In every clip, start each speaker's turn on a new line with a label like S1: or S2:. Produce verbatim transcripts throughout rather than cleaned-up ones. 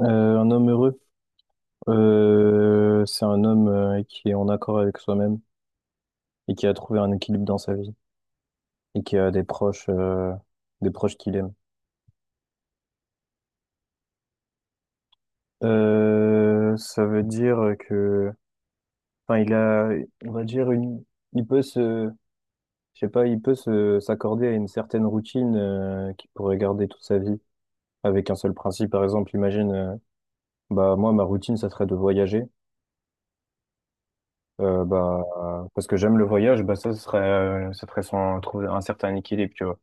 S1: Euh, un homme heureux, euh, c'est un homme euh, qui est en accord avec soi-même et qui a trouvé un équilibre dans sa vie et qui a des proches, euh, des proches qu'il aime. Euh, ça veut dire que, enfin, il a, on va dire une, il peut se, je sais pas, il peut se s'accorder à une certaine routine euh, qu'il pourrait garder toute sa vie avec un seul principe. Par exemple, imagine, euh, bah moi, ma routine, ça serait de voyager. Euh, bah parce que j'aime le voyage, bah ça ce serait, euh, ça serait sans trouver un certain équilibre, tu vois.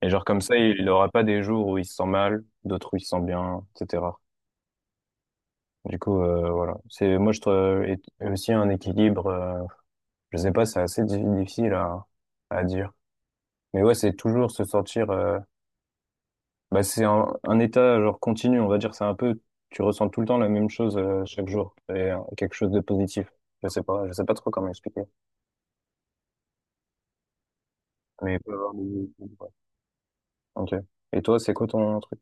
S1: Et genre comme ça, il n'aura pas des jours où il se sent mal, d'autres où il se sent bien, et cætera. Du coup, euh, voilà. C'est moi je trouve et aussi un équilibre. Euh, je sais pas, c'est assez di- difficile à, à dire. Mais ouais, c'est toujours se sentir. Euh, bah c'est un, un état genre continu, on va dire. C'est un peu, tu ressens tout le temps la même chose euh, chaque jour et euh, quelque chose de positif. Je sais pas, je sais pas trop comment expliquer. Mais il peut y avoir des- ouais. Ok. Et toi, c'est quoi ton truc?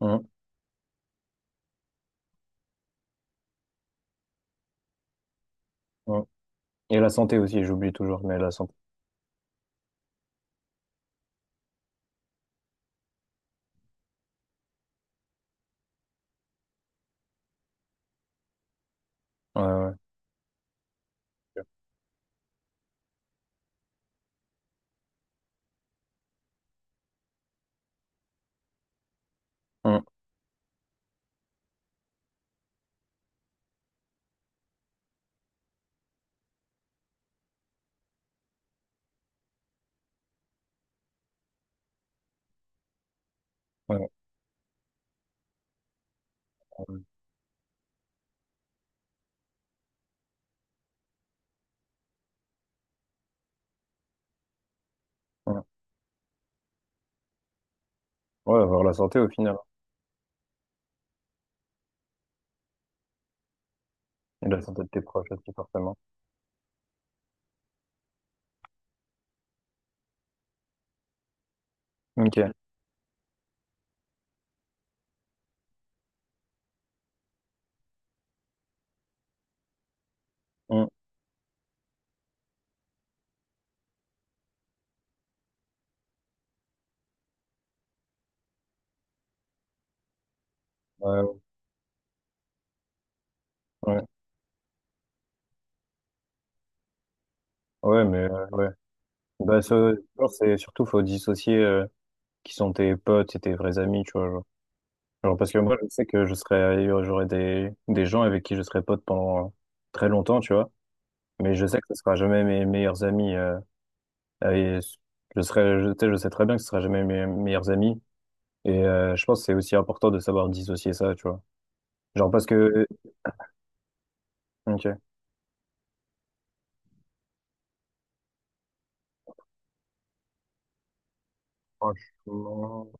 S1: Hum, hum. Et la santé aussi, j'oublie toujours, mais la santé. Ouais, ouais. Hum. Ouais. Ouais, ouais, ouais, avoir la santé au final. Hein. Et la santé de tes proches aussi, forcément. Ok. Mm. Ouais, ouais. Ouais, mais euh, ouais. Bah, ça, je pense que c'est surtout, faut dissocier euh, qui sont tes potes et tes vrais amis, tu vois. Genre. Genre, parce que moi, je sais que je serais, j'aurais des, des gens avec qui je serais pote pendant euh, très longtemps, tu vois. Mais je sais que ce sera jamais mes meilleurs amis. Euh, et je serais, je, tu sais, je sais très bien que ce sera jamais mes meilleurs amis. Et euh, je pense que c'est aussi important de savoir dissocier ça, tu vois. Genre, parce que, ok. Franchement,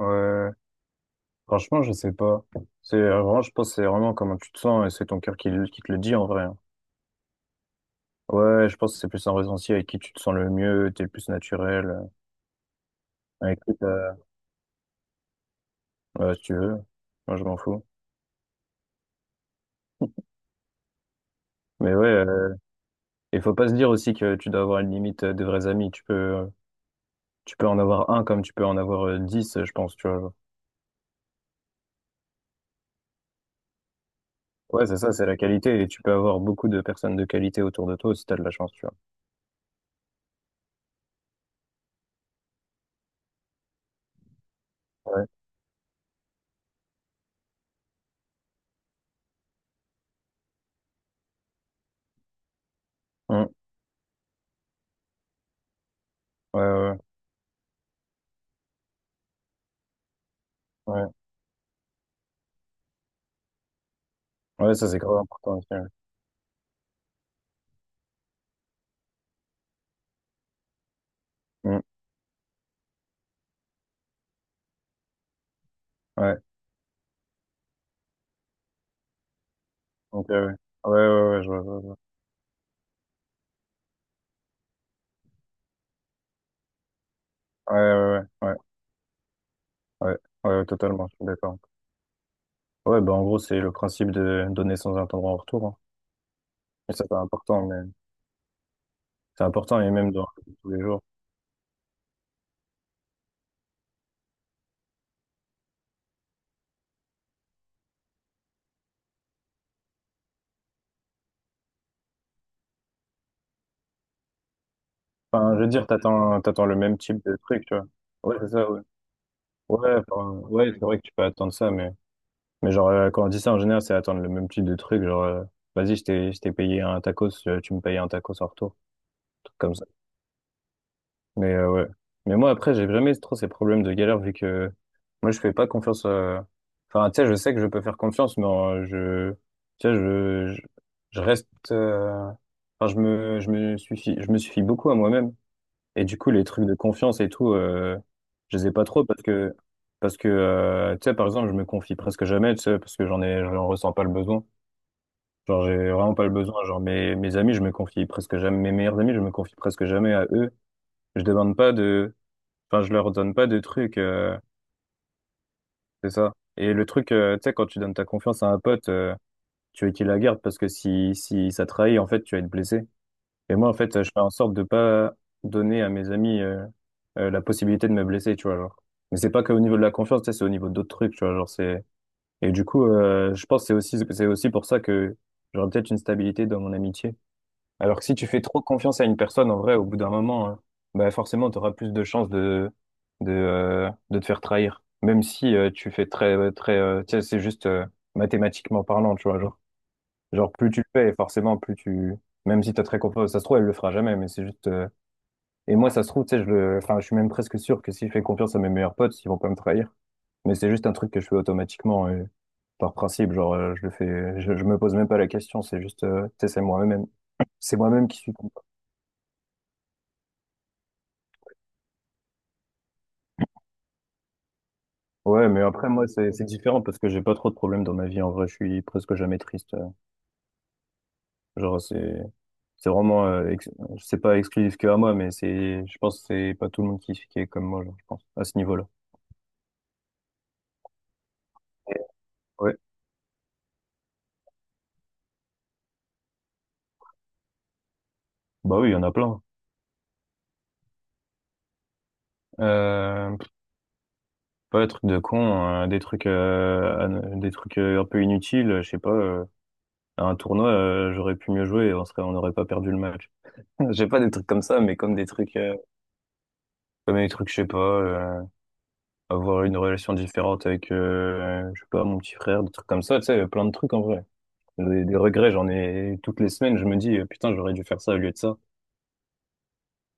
S1: ouais. Franchement, je sais pas. C'est euh, vraiment, je pense, que c'est vraiment comment tu te sens et c'est ton cœur qui, le- qui te le dit en vrai. Hein. Ouais, je pense que c'est plus un ressenti avec qui tu te sens le mieux, t'es le plus naturel, euh, avec qui t'as- ouais, si tu veux. Moi, je m'en fous. Mais ouais, euh, il faut pas se dire aussi que tu dois avoir une limite euh, des vrais amis. Tu peux, euh, tu peux en avoir un comme tu peux en avoir euh, dix, euh, je pense, tu vois. Ouais, c'est ça, c'est la qualité et tu peux avoir beaucoup de personnes de qualité autour de toi si t'as de la chance, tu vois. Ouais. Hum. Ouais, ouais, ouais. Ouais, ça, c'est grave important aussi. Ouais. Mmh. Ouais, ok, ouais. Ouais, ouais, ouais, je vois, je vois, je vois. Ouais, ouais, ouais, ouais, ouais, ouais, ouais, totalement, je suis d'accord. Ouais, bah, en gros, c'est le principe de donner sans attendre en retour. Hein. Et ça, c'est important, mais c'est important, et même dans tous les jours. Enfin, je veux dire, t'attends, t'attends le même type de truc, tu vois. Ouais, c'est ça, ouais. Ouais, enfin, ouais, c'est vrai que tu peux attendre ça, mais, mais genre, euh, quand on dit ça, en général, c'est attendre le même type de truc, genre, euh, vas-y, je t'ai, je t'ai payé un tacos, euh, tu me payes un tacos en retour, un truc comme ça. Mais euh, ouais. Mais moi, après, j'ai jamais trop ces problèmes de galère vu que moi, je fais pas confiance à... Enfin, tu sais, je sais que je peux faire confiance, mais euh, je... Tu sais, je... Je, je reste... euh, Enfin, je me... je me suffis... je me suffis beaucoup à moi-même. Et du coup, les trucs de confiance et tout, euh, je les ai pas trop parce que... Parce que, euh, tu sais, par exemple, je me confie presque jamais, tu sais, parce que j'en ai... j'en ressens pas le besoin. Genre, j'ai vraiment pas le besoin. Genre, mes, mes amis, je me confie presque jamais... Mes meilleurs amis, je me confie presque jamais à eux. Je demande pas de Enfin, je leur donne pas de trucs, euh, c'est ça. Et le truc, euh, tu sais, quand tu donnes ta confiance à un pote, euh, tu veux qu'il la garde parce que si, si ça trahit, en fait, tu vas être blessé. Et moi, en fait, je fais en sorte de pas donner à mes amis, euh, euh, la possibilité de me blesser, tu vois, genre. Mais c'est pas qu'au niveau de la confiance, tu sais, c'est au niveau d'autres trucs, tu vois, genre, c'est, et du coup, euh, je pense que c'est aussi, c'est aussi pour ça que j'aurais peut-être une stabilité dans mon amitié. Alors que si tu fais trop confiance à une personne, en vrai, au bout d'un moment, hein, bah forcément, tu auras plus de chances de, de, euh, de te faire trahir. Même si euh, tu fais très, euh, très, euh, tu sais, c'est juste euh, mathématiquement parlant, tu vois. Genre, genre, plus tu le fais, forcément, plus tu. Même si t'as très confiance, ça se trouve, elle le fera jamais, mais c'est juste. euh, Et moi, ça se trouve, tu sais, je le... enfin, je suis même presque sûr que si je fais confiance à mes meilleurs potes, ils vont pas me trahir. Mais c'est juste un truc que je fais automatiquement, euh, par principe. Genre, euh, je le fais, je, je me pose même pas la question, c'est juste, euh, tu sais, c'est moi-même, c'est moi-même qui suis. Ouais, mais après, moi, c'est c'est différent parce que j'ai pas trop de problèmes dans ma vie. En vrai, je suis presque jamais triste. euh. Genre, c'est c'est vraiment, euh, ex- c'est pas exclusif que à moi, mais c'est, je pense que c'est pas tout le monde qui, qui est comme moi, genre, je pense, à ce niveau-là. Ouais. Bah oui, il y en a plein. Euh, pff, Pas des trucs de con, hein, des trucs, euh, an- des trucs euh, un peu inutiles. euh, Je sais pas, euh, à un tournoi, euh, j'aurais pu mieux jouer, et on serait, on n'aurait pas perdu le match. J'ai pas des trucs comme ça, mais comme des trucs, euh, comme des trucs, je sais pas. Euh, avoir une relation différente avec, euh, je sais pas, mon petit frère, des trucs comme ça, tu sais, plein de trucs en vrai. Des, des regrets, j'en ai toutes les semaines, je me dis, euh, putain, j'aurais dû faire ça au lieu de ça.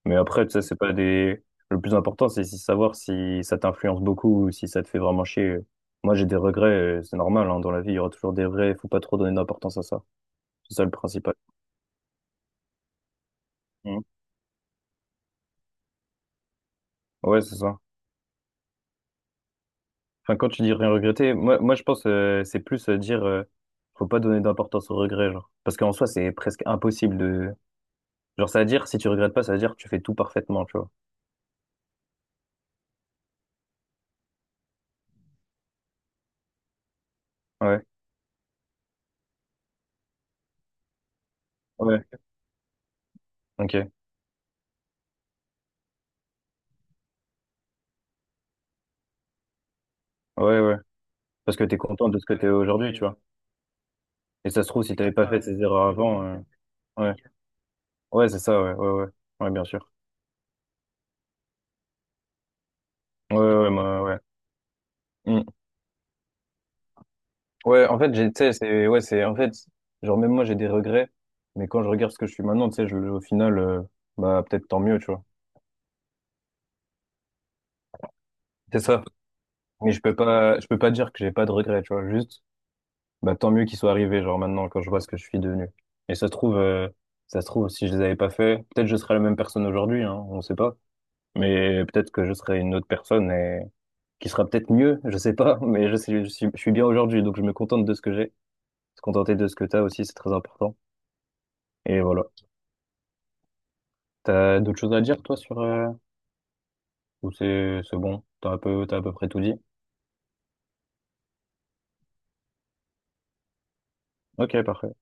S1: Mais après, tu sais, c'est pas des... Le plus important, c'est si- savoir si ça t'influence beaucoup ou si ça te fait vraiment chier. Moi, j'ai des regrets, euh, c'est normal, hein, dans la vie, il y aura toujours des regrets, il faut pas trop donner d'importance à ça. C'est ça le principal. Mhm. Ouais, c'est ça. Enfin, quand tu dis rien regretter, moi, moi je pense euh, c'est plus euh, dire euh, faut pas donner d'importance aux regrets, genre. Parce qu'en soi, c'est presque impossible de Genre, ça veut dire, si tu regrettes pas, ça veut dire que tu fais tout parfaitement, tu vois. Ouais, Ouais, ok, ouais, ouais. Parce que t'es content de ce que t'es aujourd'hui, tu vois. Et ça se trouve, si t'avais pas fait ces erreurs avant, euh, ouais, ouais, c'est ça, ouais, ouais, ouais, ouais, bien sûr. Ouais, ouais, ouais, moi, ouais. Hmm. Ouais, en fait, j'ai, tu sais, c'est, ouais, c'est, en fait, genre, même moi, j'ai des regrets, mais quand je regarde ce que je suis maintenant, tu sais, je, au final, euh, bah, peut-être tant mieux, tu vois. C'est ça. Mais je peux pas, je peux pas dire que j'ai pas de regrets, tu vois. Juste, Bah, tant mieux qu'ils soient arrivés, genre maintenant, quand je vois ce que je suis devenu. Et ça se trouve, euh, ça se trouve, si je les avais pas fait, peut-être je serais la même personne aujourd'hui, hein, on sait pas. Mais peut-être que je serais une autre personne et qui sera peut-être mieux, je sais pas. Mais je sais, je suis, je suis bien aujourd'hui, donc je me contente de ce que j'ai. Se contenter de ce que t'as aussi, c'est très important. Et voilà. T'as d'autres choses à dire, toi, sur, euh, ou c'est, c'est bon? T'as un peu, t'as à peu près tout dit? Ok, parfait.